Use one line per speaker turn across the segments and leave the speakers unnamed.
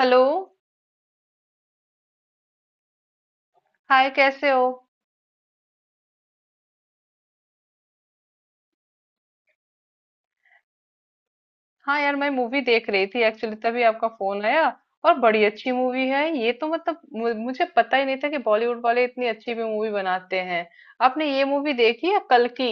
Hello. Hi कैसे हो। हाँ यार मैं मूवी देख रही थी एक्चुअली तभी आपका फोन आया। और बड़ी अच्छी मूवी है ये तो, मतलब मुझे पता ही नहीं था कि बॉलीवुड वाले इतनी अच्छी भी मूवी बनाते हैं। आपने ये मूवी देखी है कल की?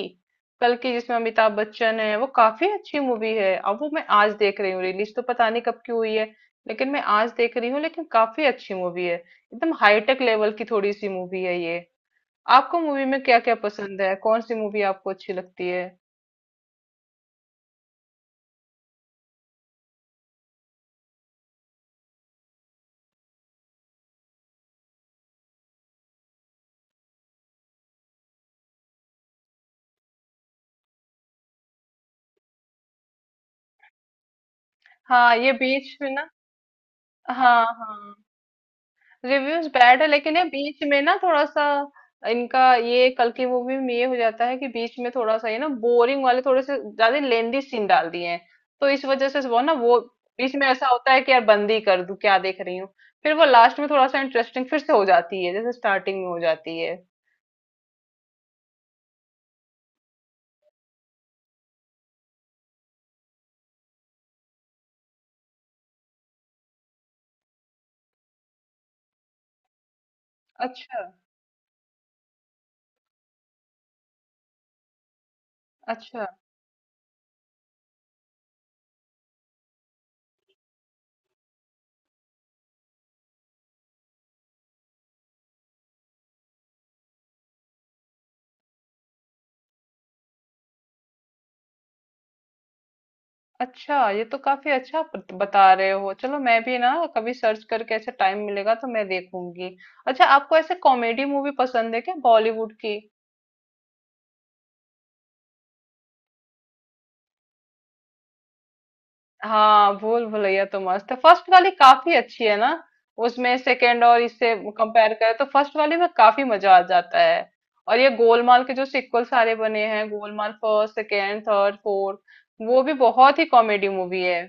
कल की जिसमें अमिताभ बच्चन है, वो काफी अच्छी मूवी है। अब वो मैं आज देख रही हूँ, रिलीज तो पता नहीं कब की हुई है, लेकिन मैं आज देख रही हूँ। लेकिन काफी अच्छी मूवी है, एकदम हाईटेक लेवल की थोड़ी सी मूवी है ये। आपको मूवी में क्या क्या पसंद है, कौन सी मूवी आपको अच्छी लगती है? हाँ ये बीच में ना। हाँ हाँ, रिव्यूज बैड है, लेकिन ये बीच में ना थोड़ा सा इनका, ये कल की मूवी में ये हो जाता है कि बीच में थोड़ा सा ये ना बोरिंग वाले थोड़े से ज्यादा लेंदी सीन डाल दिए हैं। तो इस वजह से वो ना वो बीच में ऐसा होता है कि यार बंद ही कर दूं क्या, देख रही हूँ। फिर वो लास्ट में थोड़ा सा इंटरेस्टिंग फिर से हो जाती है, जैसे स्टार्टिंग में हो जाती है। अच्छा। अच्छा, अच्छा ये तो काफी अच्छा बता रहे हो। चलो मैं भी ना कभी सर्च करके, ऐसे टाइम मिलेगा तो मैं देखूंगी। अच्छा आपको ऐसे कॉमेडी मूवी पसंद है क्या बॉलीवुड की? हाँ भूल भुलैया तो मस्त है, फर्स्ट वाली काफी अच्छी है ना। उसमें सेकंड और इससे कंपेयर करें तो फर्स्ट वाली में काफी मजा आ जाता है। और ये गोलमाल के जो सिक्वल सारे बने हैं, Golmaal first second third fourth, वो भी बहुत ही कॉमेडी मूवी है।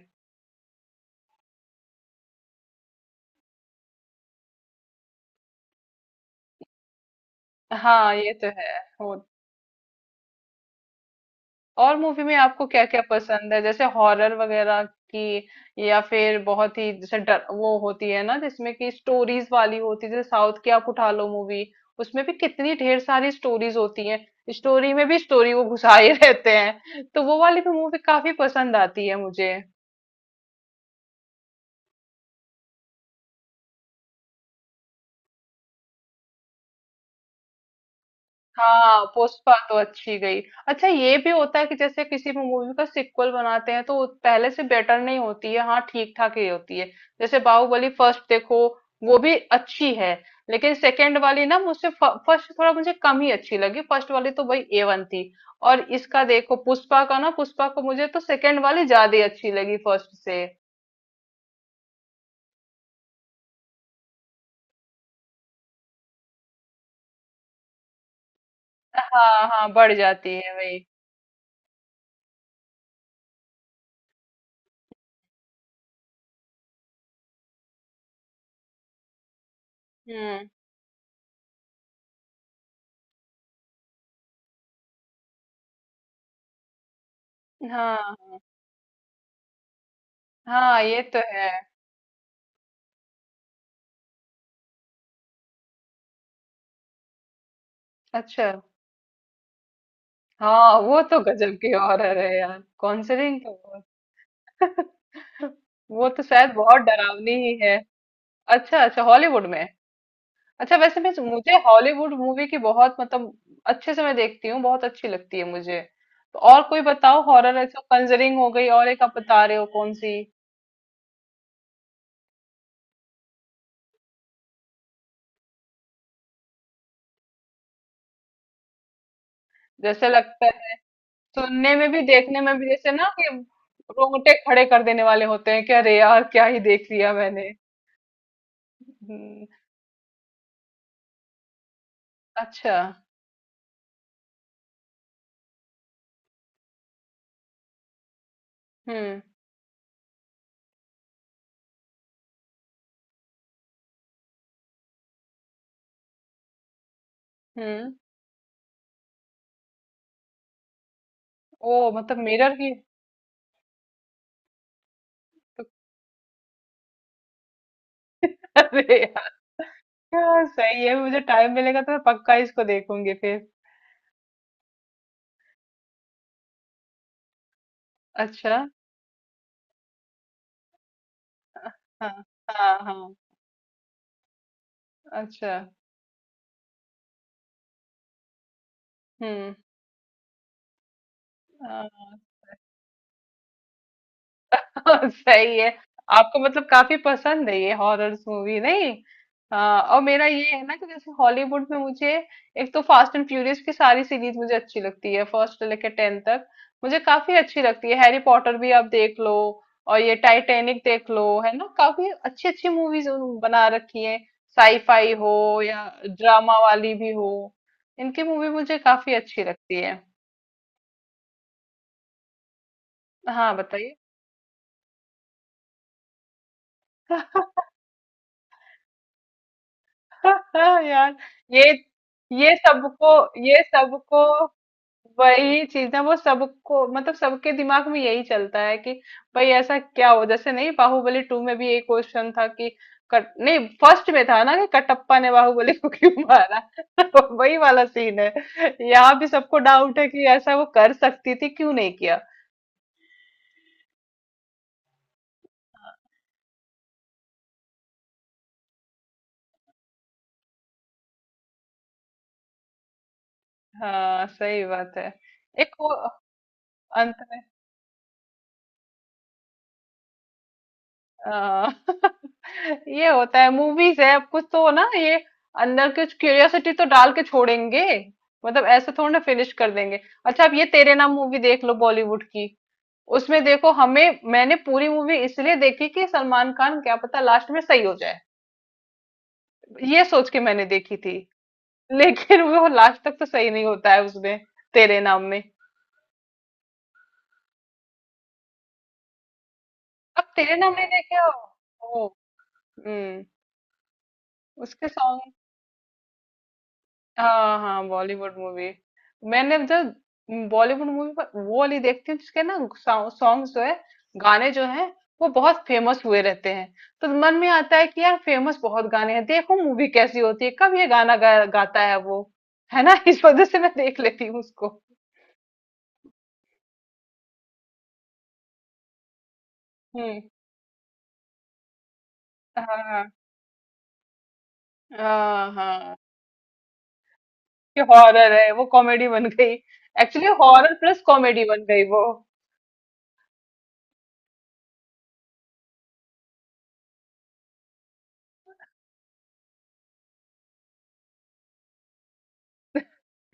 हाँ ये तो है। और मूवी में आपको क्या क्या पसंद है, जैसे हॉरर वगैरह की? या फिर बहुत ही जैसे डर वो होती है ना जिसमें कि स्टोरीज वाली होती है, जैसे साउथ की आप उठा लो मूवी, उसमें भी कितनी ढेर सारी स्टोरीज होती हैं। स्टोरी में भी स्टोरी वो घुसाए रहते हैं, तो वो वाली भी मूवी काफी पसंद आती है मुझे। हाँ पुष्पा तो अच्छी गई। अच्छा ये भी होता है कि जैसे किसी मूवी का सिक्वल बनाते हैं तो वो पहले से बेटर नहीं होती है, हाँ ठीक ठाक ही होती है। जैसे बाहुबली फर्स्ट देखो, वो भी अच्छी है, लेकिन सेकंड वाली ना मुझसे फर्स्ट थोड़ा मुझे कम ही अच्छी लगी, फर्स्ट वाली तो भाई ए वन थी। और इसका देखो पुष्पा का, ना पुष्पा को मुझे तो सेकंड वाली ज्यादा अच्छी लगी फर्स्ट से। हाँ हाँ बढ़ जाती है भाई। हम्म। हाँ हाँ ये तो है। अच्छा। हाँ वो तो गजब की हॉरर है यार, कॉन्जरिंग तो बहुत। वो तो शायद बहुत डरावनी ही है। अच्छा अच्छा हॉलीवुड में। अच्छा वैसे मैं, मुझे हॉलीवुड मूवी की बहुत मतलब अच्छे से मैं देखती हूँ, बहुत अच्छी लगती है मुझे। तो और कोई बताओ हॉरर, ऐसा कंजरिंग हो गई और एक आप बता रहे हो कौन सी। जैसे लगता है सुनने में भी देखने में भी, जैसे ना कि रोंगटे खड़े कर देने वाले होते हैं कि अरे यार क्या ही देख लिया मैंने। हम्म, अच्छा। हम्म हम्म। ओ मतलब मिरर की। अरे यार सही है, मुझे टाइम मिलेगा तो मैं पक्का इसको देखूंगी फिर। अच्छा। हाँ हाँ हाँ। अच्छा। हम्म। हाँ। सही है। आपको मतलब काफी पसंद है ये हॉरर्स मूवी नहीं? हाँ और मेरा ये है ना कि जैसे हॉलीवुड में मुझे, एक तो फास्ट एंड फ्यूरियस की सारी सीरीज मुझे अच्छी लगती है फर्स्ट से लेकर टेन तक, मुझे काफी अच्छी लगती है। हैरी पॉटर भी आप देख लो, और ये टाइटैनिक देख लो, है ना काफी अच्छी अच्छी मूवीज बना रखी है। साईफाई हो या ड्रामा वाली भी हो, इनकी मूवी मुझे काफी अच्छी लगती है। हाँ बताइए। यार। ये ये सबको ये सबको वही चीज ना वो सबको, मतलब सबके दिमाग में यही चलता है कि भाई ऐसा क्या हो। जैसे नहीं, बाहुबली टू में भी एक क्वेश्चन था कि, कट नहीं फर्स्ट में था ना कि कटप्पा ने बाहुबली को क्यों मारा। तो वही वाला सीन है, यहाँ भी सबको डाउट है कि ऐसा वो कर सकती थी, क्यों नहीं किया। हाँ सही बात है। एक वो आ, ये होता है, मूवीज है अब, कुछ तो ना ये अंदर कुछ क्यूरियोसिटी तो डाल के छोड़ेंगे, मतलब ऐसे थोड़ा ना फिनिश कर देंगे। अच्छा अब ये तेरे नाम मूवी देख लो बॉलीवुड की, उसमें देखो हमें, मैंने पूरी मूवी इसलिए देखी कि सलमान खान क्या पता लास्ट में सही हो जाए, ये सोच के मैंने देखी थी। लेकिन वो लास्ट तक तो सही नहीं होता है उसमें, तेरे नाम में। अब तेरे नाम नहीं देखे हो? ओ, हम्म। उसके सॉन्ग। हाँ, हाँ, बॉलीवुड मूवी। मैंने जो बॉलीवुड मूवी, पर वो वाली देखती हूँ जिसके ना सॉन्ग्स जो है, गाने जो हैं वो बहुत फेमस हुए रहते हैं। तो मन में आता है कि यार फेमस बहुत गाने हैं, देखो मूवी कैसी होती है, कब ये गाना गाता है वो, है ना। इस वजह से मैं देख लेती हूँ उसको। हम्म। हाँ हाँ। हाँ कि हॉरर है वो कॉमेडी बन गई। एक्चुअली हॉरर प्लस कॉमेडी बन गई वो।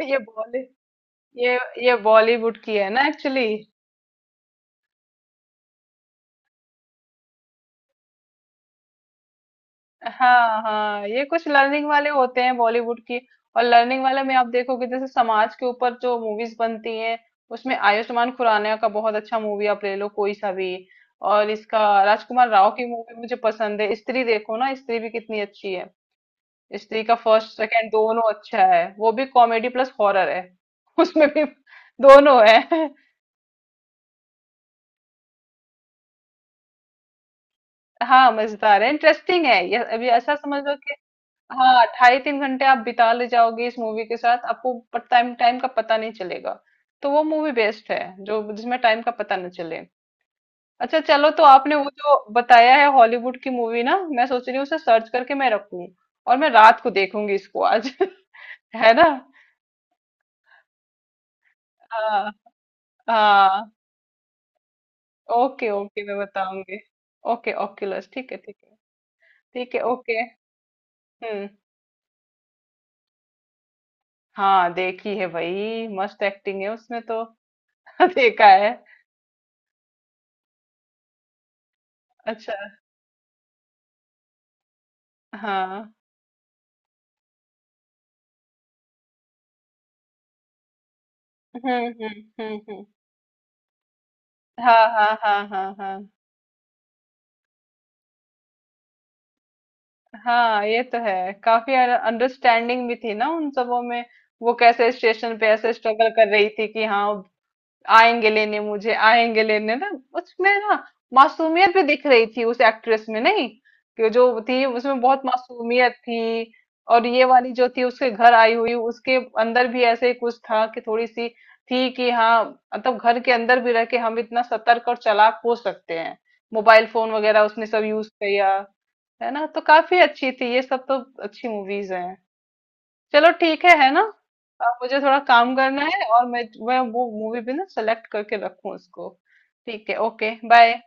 ये बॉली ये ये बॉलीवुड की है ना एक्चुअली। हाँ हाँ ये कुछ लर्निंग वाले होते हैं बॉलीवुड की। और लर्निंग वाले में आप देखोगे, जैसे समाज के ऊपर जो मूवीज बनती हैं, उसमें आयुष्मान खुराना का बहुत अच्छा मूवी आप ले लो कोई सा भी। और इसका राजकुमार राव की मूवी मुझे पसंद है, स्त्री देखो ना, स्त्री भी कितनी अच्छी है। स्त्री का फर्स्ट सेकंड दोनों अच्छा है, वो भी कॉमेडी प्लस हॉरर है। उसमें भी दोनों है। हाँ मजेदार है, इंटरेस्टिंग है, ये अभी ऐसा समझ लो कि, हाँ ढाई तीन घंटे आप बिता ले जाओगे इस मूवी के साथ, आपको टाइम, टाइम का पता नहीं चलेगा। तो वो मूवी बेस्ट है जो, जिसमें टाइम का पता न चले। अच्छा चलो, तो आपने वो जो बताया है हॉलीवुड की मूवी ना, मैं सोच रही हूँ उसे सर्च करके मैं रखूँ और मैं रात को देखूंगी इसको आज। है ना। हाँ। हाँ। ओके ओके मैं बताऊंगी। ओके ओक्यूलस ठीक है ठीक है। ठीक है ओके। हम्म। हाँ देखी है भाई, मस्त एक्टिंग है उसमें तो। देखा है। अच्छा। हाँ। हम्म। हम्म हम्म। हाँ हाँ हाँ हाँ हाँ। हाँ ये तो है, काफी अंडरस्टैंडिंग भी थी ना उन सबों में, वो कैसे स्टेशन पे ऐसे स्ट्रगल कर रही थी कि हाँ आएंगे लेने मुझे, आएंगे लेने ना। उसमें ना मासूमियत भी दिख रही थी उस एक्ट्रेस में, नहीं कि जो थी उसमें बहुत मासूमियत थी। और ये वाली जो थी उसके घर आई हुई, उसके अंदर भी ऐसे ही कुछ था कि थोड़ी सी थी कि हाँ, मतलब घर के अंदर भी रह के हम इतना सतर्क और चालाक हो सकते हैं। मोबाइल फोन वगैरह उसने सब यूज किया, है ना। तो काफी अच्छी थी ये, सब तो अच्छी मूवीज हैं। चलो ठीक है ना। अब मुझे थोड़ा काम करना है, और मैं वो मूवी भी ना सेलेक्ट करके रखूं उसको। ठीक है, ओके बाय।